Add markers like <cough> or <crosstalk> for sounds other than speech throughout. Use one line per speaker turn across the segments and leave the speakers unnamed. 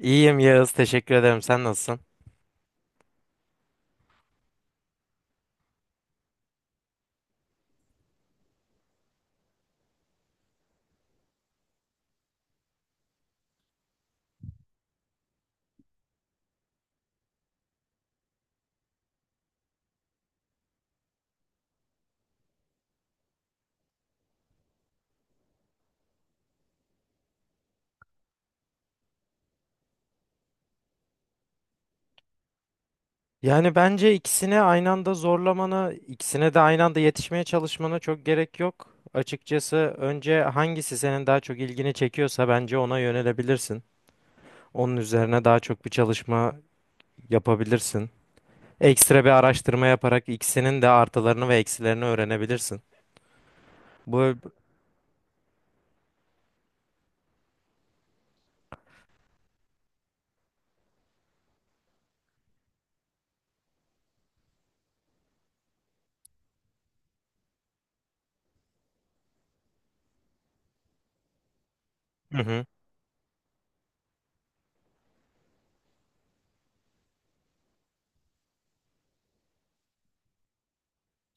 İyiyim Yağız, teşekkür ederim. Sen nasılsın? Yani bence ikisine aynı anda zorlamana, ikisine de aynı anda yetişmeye çalışmana çok gerek yok. Açıkçası önce hangisi senin daha çok ilgini çekiyorsa bence ona yönelebilirsin. Onun üzerine daha çok bir çalışma yapabilirsin. Ekstra bir araştırma yaparak ikisinin de artılarını ve eksilerini öğrenebilirsin. Bu hı hı,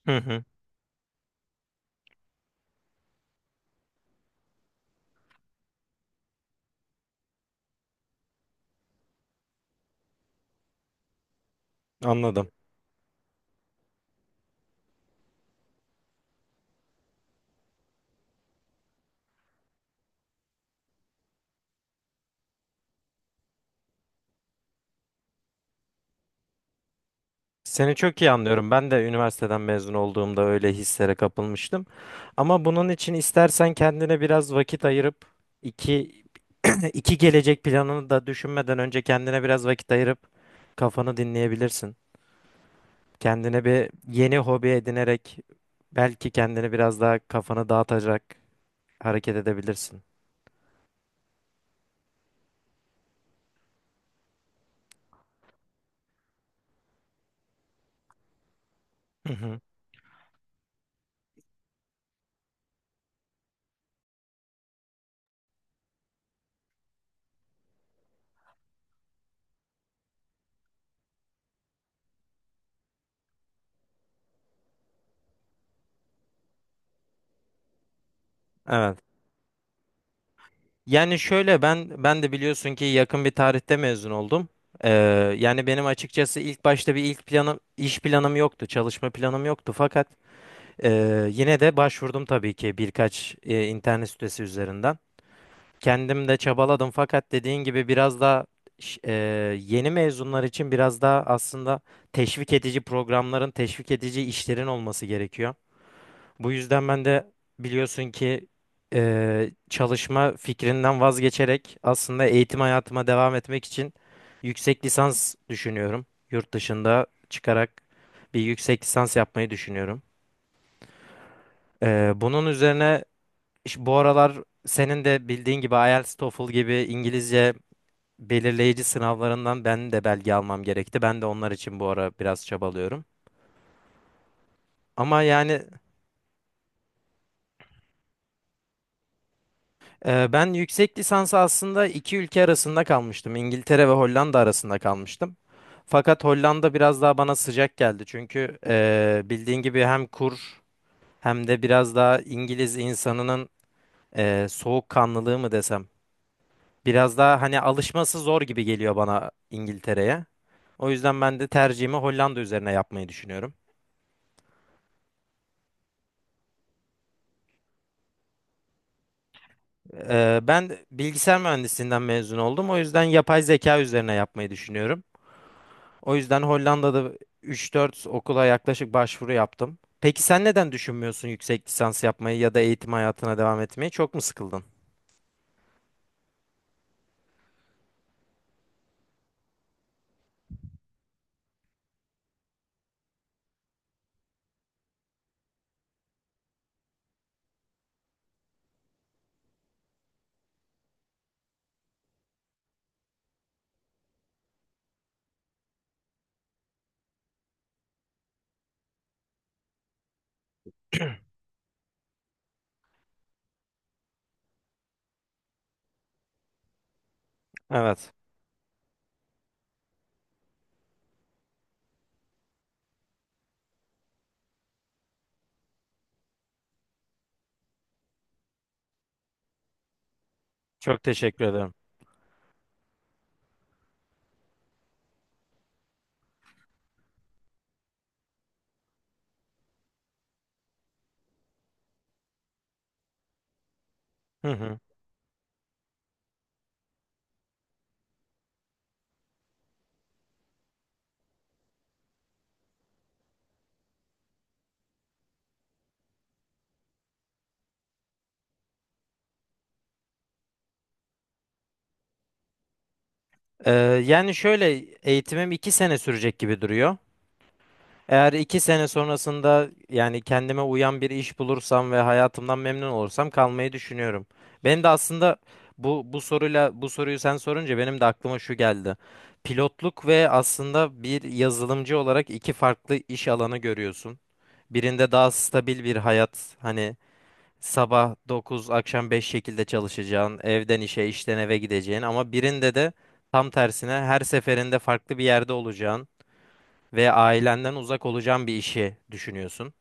hı hı, anladım. Seni çok iyi anlıyorum. Ben de üniversiteden mezun olduğumda öyle hislere kapılmıştım. Ama bunun için istersen kendine biraz vakit ayırıp iki <clears throat> iki gelecek planını da düşünmeden önce kendine biraz vakit ayırıp kafanı dinleyebilirsin. Kendine bir yeni hobi edinerek belki kendini biraz daha kafanı dağıtacak hareket edebilirsin. Hı hı. Evet. Yani şöyle ben de biliyorsun ki yakın bir tarihte mezun oldum. Ee, Yani benim açıkçası ilk başta bir ilk planım iş planım yoktu, çalışma planım yoktu fakat yine de başvurdum tabii ki birkaç internet sitesi üzerinden. Kendim de çabaladım fakat dediğin gibi biraz daha ş- e, yeni mezunlar için biraz daha aslında teşvik edici programların, teşvik edici işlerin olması gerekiyor. Bu yüzden ben de biliyorsun ki çalışma fikrinden vazgeçerek aslında eğitim hayatıma devam etmek için yüksek lisans düşünüyorum. Yurt dışında çıkarak bir yüksek lisans yapmayı düşünüyorum. Bunun üzerine bu aralar senin de bildiğin gibi IELTS, TOEFL gibi İngilizce belirleyici sınavlarından ben de belge almam gerekti. Ben de onlar için bu ara biraz çabalıyorum. Ama yani ben yüksek lisansı aslında iki ülke arasında kalmıştım. İngiltere ve Hollanda arasında kalmıştım. Fakat Hollanda biraz daha bana sıcak geldi. Çünkü bildiğin gibi hem kur hem de biraz daha İngiliz insanının soğukkanlılığı mı desem. Biraz daha hani alışması zor gibi geliyor bana İngiltere'ye. O yüzden ben de tercihimi Hollanda üzerine yapmayı düşünüyorum. Ben bilgisayar mühendisliğinden mezun oldum. O yüzden yapay zeka üzerine yapmayı düşünüyorum. O yüzden Hollanda'da üç dört okula yaklaşık başvuru yaptım. Peki sen neden düşünmüyorsun yüksek lisans yapmayı ya da eğitim hayatına devam etmeyi? Çok mu sıkıldın? Evet. Çok teşekkür ederim. Hı hı. Ee, Yani şöyle eğitimim 2 sene sürecek gibi duruyor. Eğer iki sene sonrasında yani kendime uyan bir iş bulursam ve hayatımdan memnun olursam kalmayı düşünüyorum. Benim de aslında bu soruyu sen sorunca benim de aklıma şu geldi. Pilotluk ve aslında bir yazılımcı olarak iki farklı iş alanı görüyorsun. Birinde daha stabil bir hayat hani sabah 9 akşam 5 şekilde çalışacağın, evden işe, işten eve gideceğin ama birinde de tam tersine her seferinde farklı bir yerde olacağın ve ailenden uzak olacağın bir işi düşünüyorsun.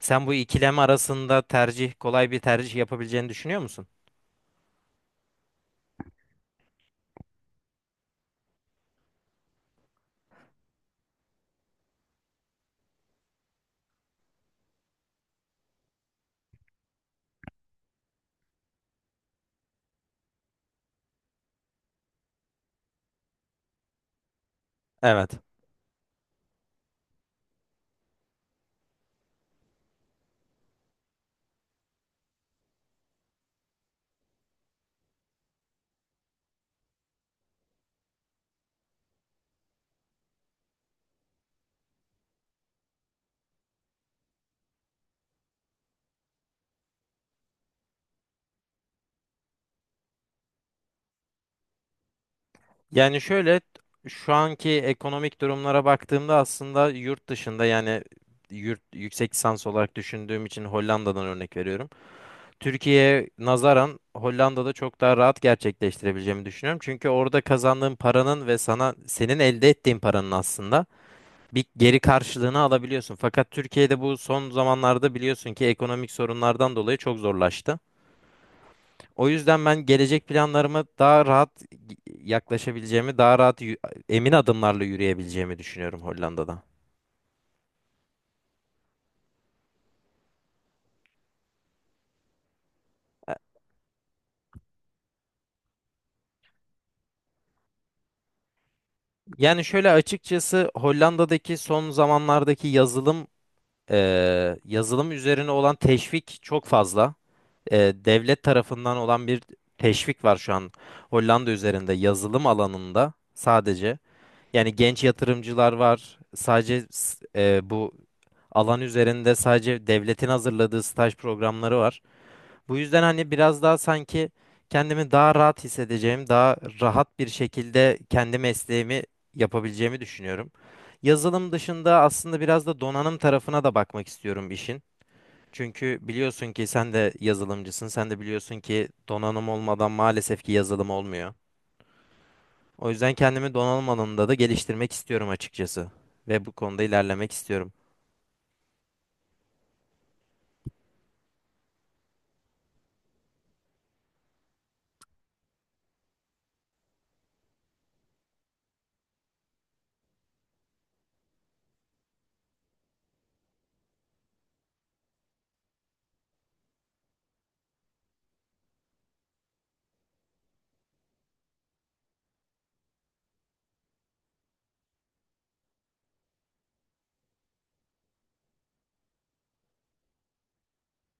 Sen bu ikilem arasında tercih, kolay bir tercih yapabileceğini düşünüyor musun? Evet. Yani şöyle şu anki ekonomik durumlara baktığımda aslında yurt dışında yani yurt yüksek lisans olarak düşündüğüm için Hollanda'dan örnek veriyorum. Türkiye'ye nazaran Hollanda'da çok daha rahat gerçekleştirebileceğimi düşünüyorum. Çünkü orada kazandığın paranın ve senin elde ettiğin paranın aslında bir geri karşılığını alabiliyorsun. Fakat Türkiye'de bu son zamanlarda biliyorsun ki ekonomik sorunlardan dolayı çok zorlaştı. O yüzden ben gelecek planlarıma daha rahat yaklaşabileceğimi, emin adımlarla yürüyebileceğimi düşünüyorum Hollanda'da. Yani şöyle açıkçası Hollanda'daki son zamanlardaki yazılım yazılım üzerine olan teşvik çok fazla. Devlet tarafından olan bir teşvik var şu an Hollanda üzerinde yazılım alanında sadece. Yani genç yatırımcılar var. Bu alan üzerinde sadece devletin hazırladığı staj programları var. Bu yüzden hani biraz daha sanki kendimi daha rahat hissedeceğim, daha rahat bir şekilde kendi mesleğimi yapabileceğimi düşünüyorum. Yazılım dışında aslında biraz da donanım tarafına da bakmak istiyorum işin. Çünkü biliyorsun ki sen de yazılımcısın, sen de biliyorsun ki donanım olmadan maalesef ki yazılım olmuyor. O yüzden kendimi donanım alanında da geliştirmek istiyorum açıkçası. Ve bu konuda ilerlemek istiyorum.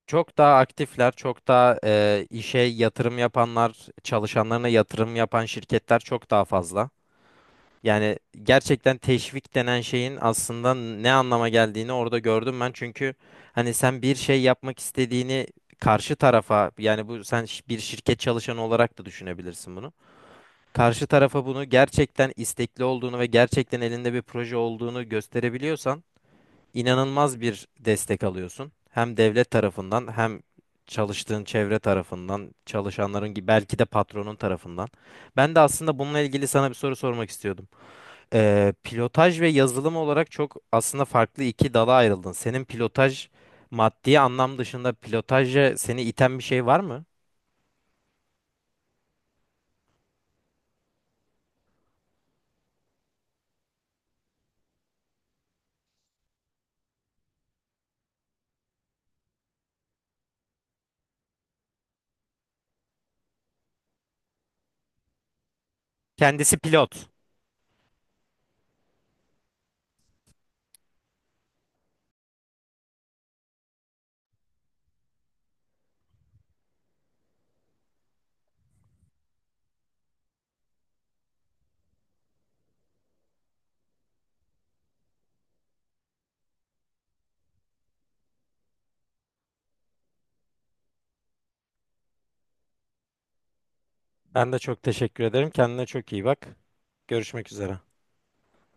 Çok daha aktifler, çok daha işe yatırım yapanlar, çalışanlarına yatırım yapan şirketler çok daha fazla. Yani gerçekten teşvik denen şeyin aslında ne anlama geldiğini orada gördüm ben. Çünkü hani sen bir şey yapmak istediğini karşı tarafa, yani bu bir şirket çalışanı olarak da düşünebilirsin bunu. Karşı tarafa bunu gerçekten istekli olduğunu ve gerçekten elinde bir proje olduğunu gösterebiliyorsan inanılmaz bir destek alıyorsun. Hem devlet tarafından hem çalıştığın çevre tarafından, çalışanların gibi belki de patronun tarafından. Ben de aslında bununla ilgili sana bir soru sormak istiyordum. Pilotaj ve yazılım olarak çok aslında farklı iki dala ayrıldın. Senin pilotaj maddi anlam dışında pilotaja seni iten bir şey var mı? Kendisi pilot. Ben de çok teşekkür ederim. Kendine çok iyi bak. Görüşmek üzere.